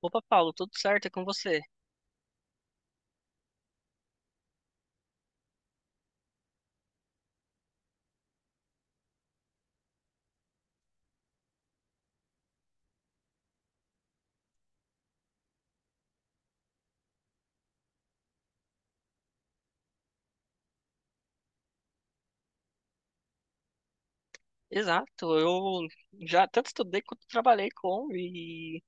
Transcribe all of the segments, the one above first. Opa, Paulo, tudo certo é com você? Exato, eu já tanto estudei quanto trabalhei com e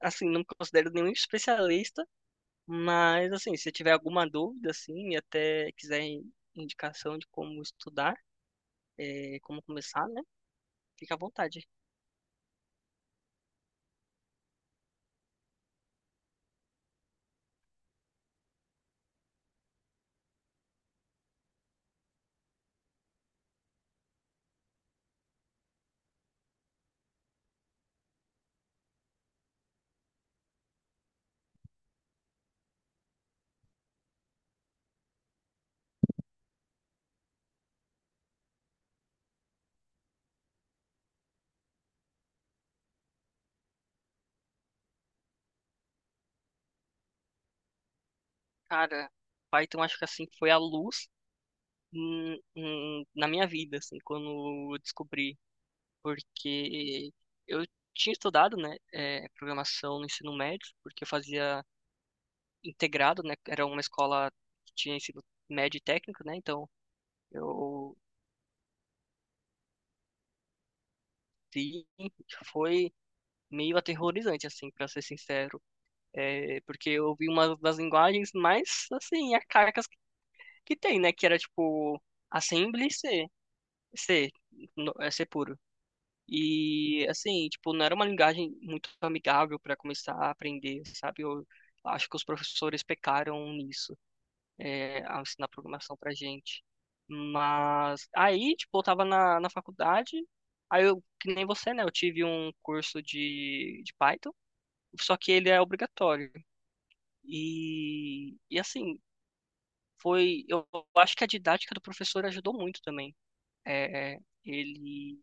assim, não me considero nenhum especialista, mas assim, se tiver alguma dúvida assim, e até quiser indicação de como estudar, como começar, né? Fica à vontade. Cara, Python acho que assim foi a luz na minha vida, assim, quando eu descobri, porque eu tinha estudado, né, programação no ensino médio, porque eu fazia integrado, né? Era uma escola que tinha ensino médio e técnico, né? Então eu vi, foi meio aterrorizante, assim, para ser sincero. É, porque eu vi uma das linguagens mais, assim, arcaicas que tem, né? Que era tipo Assembly e C, C, é C puro. E assim, tipo, não era uma linguagem muito amigável para começar a aprender, sabe? Eu acho que os professores pecaram nisso. É, a ensinar programação pra gente. Mas aí, tipo, eu tava na faculdade, aí eu, que nem você, né? Eu tive um curso de Python, só que ele é obrigatório. E assim, foi. Eu acho que a didática do professor ajudou muito também. É, é, ele,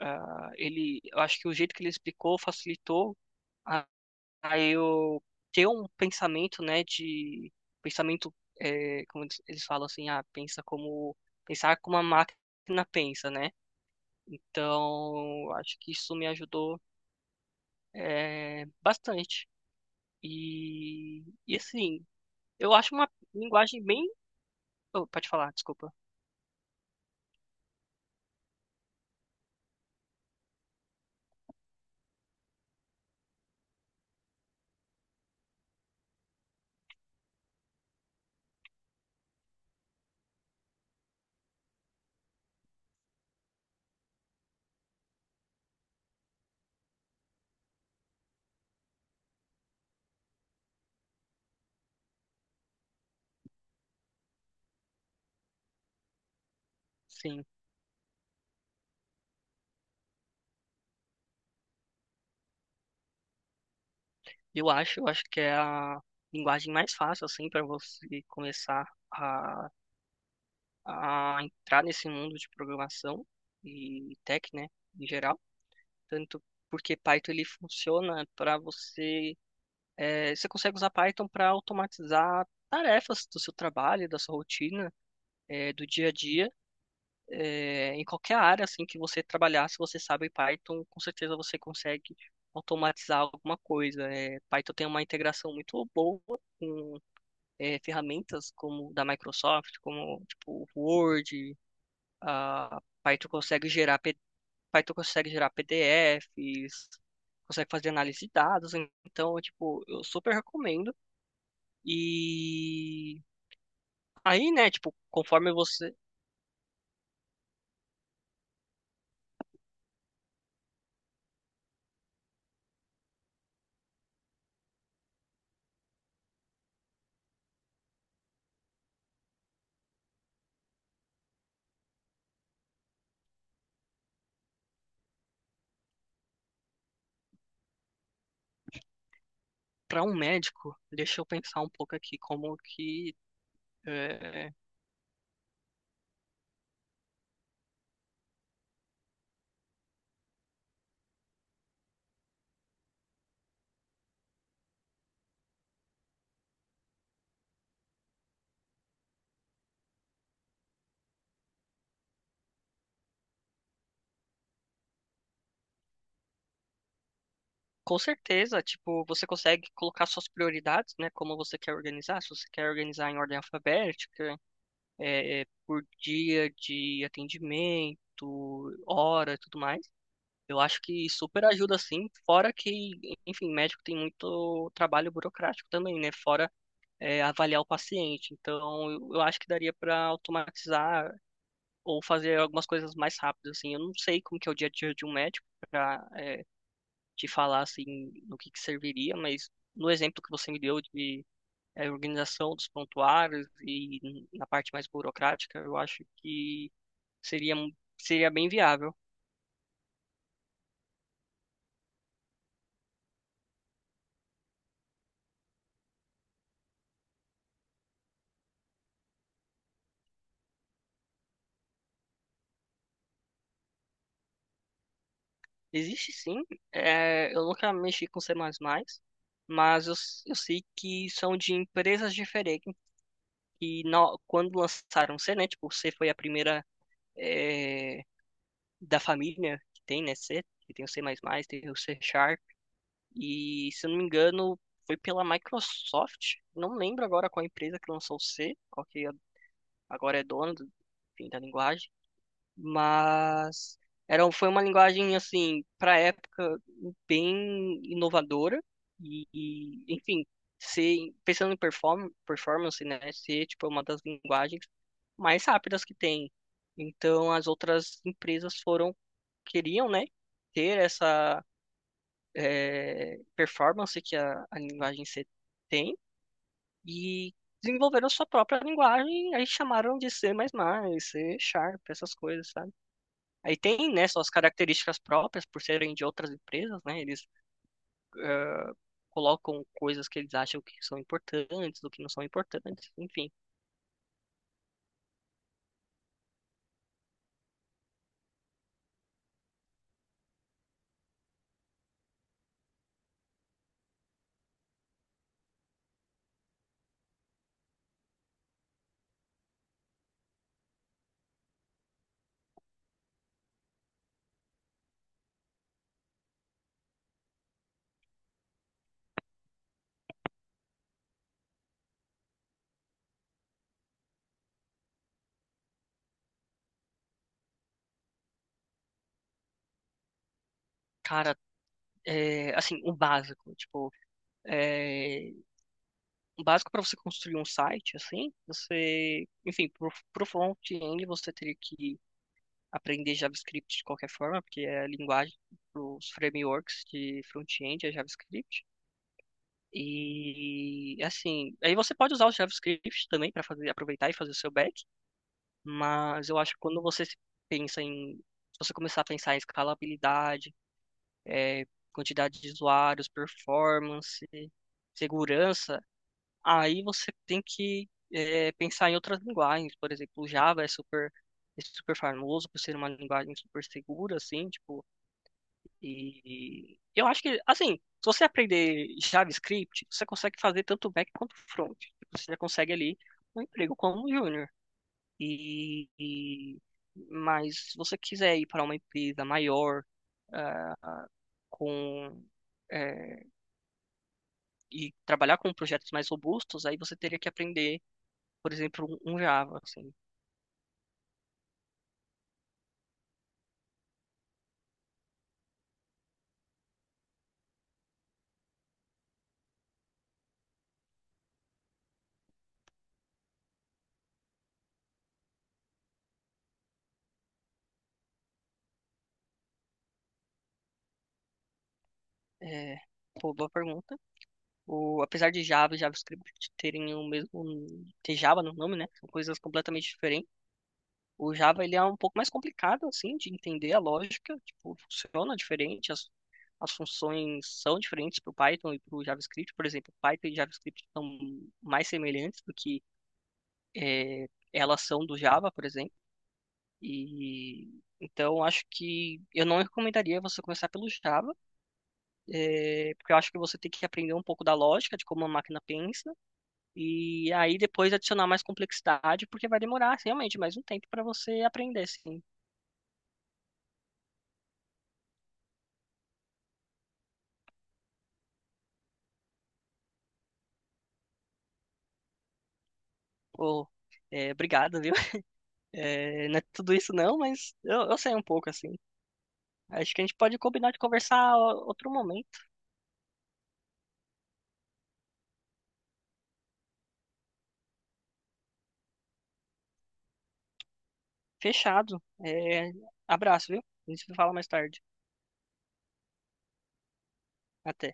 ele, eu acho que o jeito que ele explicou facilitou. Aí eu ter um pensamento, né, pensamento, é, como eles falam assim, pensar como a máquina pensa, né? Então, acho que isso me ajudou bastante. E assim, eu acho uma linguagem bem, oh, pode falar, desculpa. Sim, eu acho que é a linguagem mais fácil assim para você começar a entrar nesse mundo de programação e tech, né, em geral. Tanto porque Python ele funciona para você, você consegue usar Python para automatizar tarefas do seu trabalho, da sua rotina, do dia a dia, em qualquer área assim que você trabalhar, se você sabe Python, com certeza você consegue automatizar alguma coisa. É, Python tem uma integração muito boa com ferramentas como da Microsoft, como tipo Word, a Python consegue gerar P D F. Aí tu consegue gerar PDFs, consegue fazer análise de dados, então, tipo, eu super recomendo. E aí, né, tipo, conforme você, para um médico, deixa eu pensar um pouco aqui como que é, com certeza, tipo, você consegue colocar suas prioridades, né, como você quer organizar, se você quer organizar em ordem alfabética, por dia de atendimento, hora, e tudo mais. Eu acho que super ajuda sim, fora que, enfim, médico tem muito trabalho burocrático também, né? Fora avaliar o paciente. Então, eu acho que daria para automatizar ou fazer algumas coisas mais rápidas, assim. Eu não sei como que é o dia a dia de um médico para te falar assim no que serviria, mas no exemplo que você me deu de organização dos prontuários e na parte mais burocrática, eu acho que seria seria bem viável. Existe sim. É, eu nunca mexi com C++, mas eu, eu sei que são de empresas diferentes. E quando lançaram C, né? Tipo, C foi a primeira é, da família que tem, né? C, que tem o C++, tem o C Sharp. E, se eu não me engano, foi pela Microsoft. Não lembro agora qual empresa que lançou o C, qual que é, agora é dona do, enfim, da linguagem. Mas era, foi uma linguagem assim para a época bem inovadora e, e, enfim, ser pensando em performance, né, ser tipo uma das linguagens mais rápidas que tem, então as outras empresas foram, queriam, né, ter essa performance que a linguagem C tem e desenvolveram sua própria linguagem, aí chamaram de C++, C Sharp, essas coisas, sabe. Aí tem, né, suas características próprias por serem de outras empresas, né? Eles colocam coisas que eles acham que são importantes, do que não são importantes, enfim. Cara, é, assim, o básico, tipo, é, o básico para você construir um site, assim, você, enfim, pro front-end você teria que aprender JavaScript de qualquer forma, porque é a linguagem, os frameworks de front-end é JavaScript. E assim, aí você pode usar o JavaScript também para fazer aproveitar e fazer o seu back. Mas eu acho que quando você se pensa em, se você começar a pensar em escalabilidade, eh, quantidade de usuários, performance, segurança, aí você tem que pensar em outras linguagens. Por exemplo, o Java é super famoso por ser uma linguagem super segura, assim, tipo, e eu acho que, assim, se você aprender JavaScript, você consegue fazer tanto back quanto front. Você já consegue ali um emprego como júnior. E, e- mas se você quiser ir para uma empresa maior, ah, ah, com eh, e trabalhar com projetos mais robustos, aí você teria que aprender, por exemplo, um Java, assim. É, pô, boa pergunta. O, apesar de Java e JavaScript terem o mesmo, ter Java no nome, né? São coisas completamente diferentes. O Java ele é um pouco mais complicado assim de entender a lógica, tipo, funciona diferente, as funções são diferentes para o Python e para o JavaScript, por exemplo, Python e JavaScript são mais semelhantes do que elas são do Java, por exemplo. E então acho que eu não recomendaria você começar pelo Java, porque eu acho que você tem que aprender um pouco da lógica de como a máquina pensa e aí depois adicionar mais complexidade, porque vai demorar assim, realmente mais um tempo para você aprender, assim. Pô, é, obrigado, viu? É, não é tudo isso não, mas eu sei um pouco, assim. Acho que a gente pode combinar de conversar outro momento. Fechado. É, abraço, viu? A gente se fala mais tarde. Até.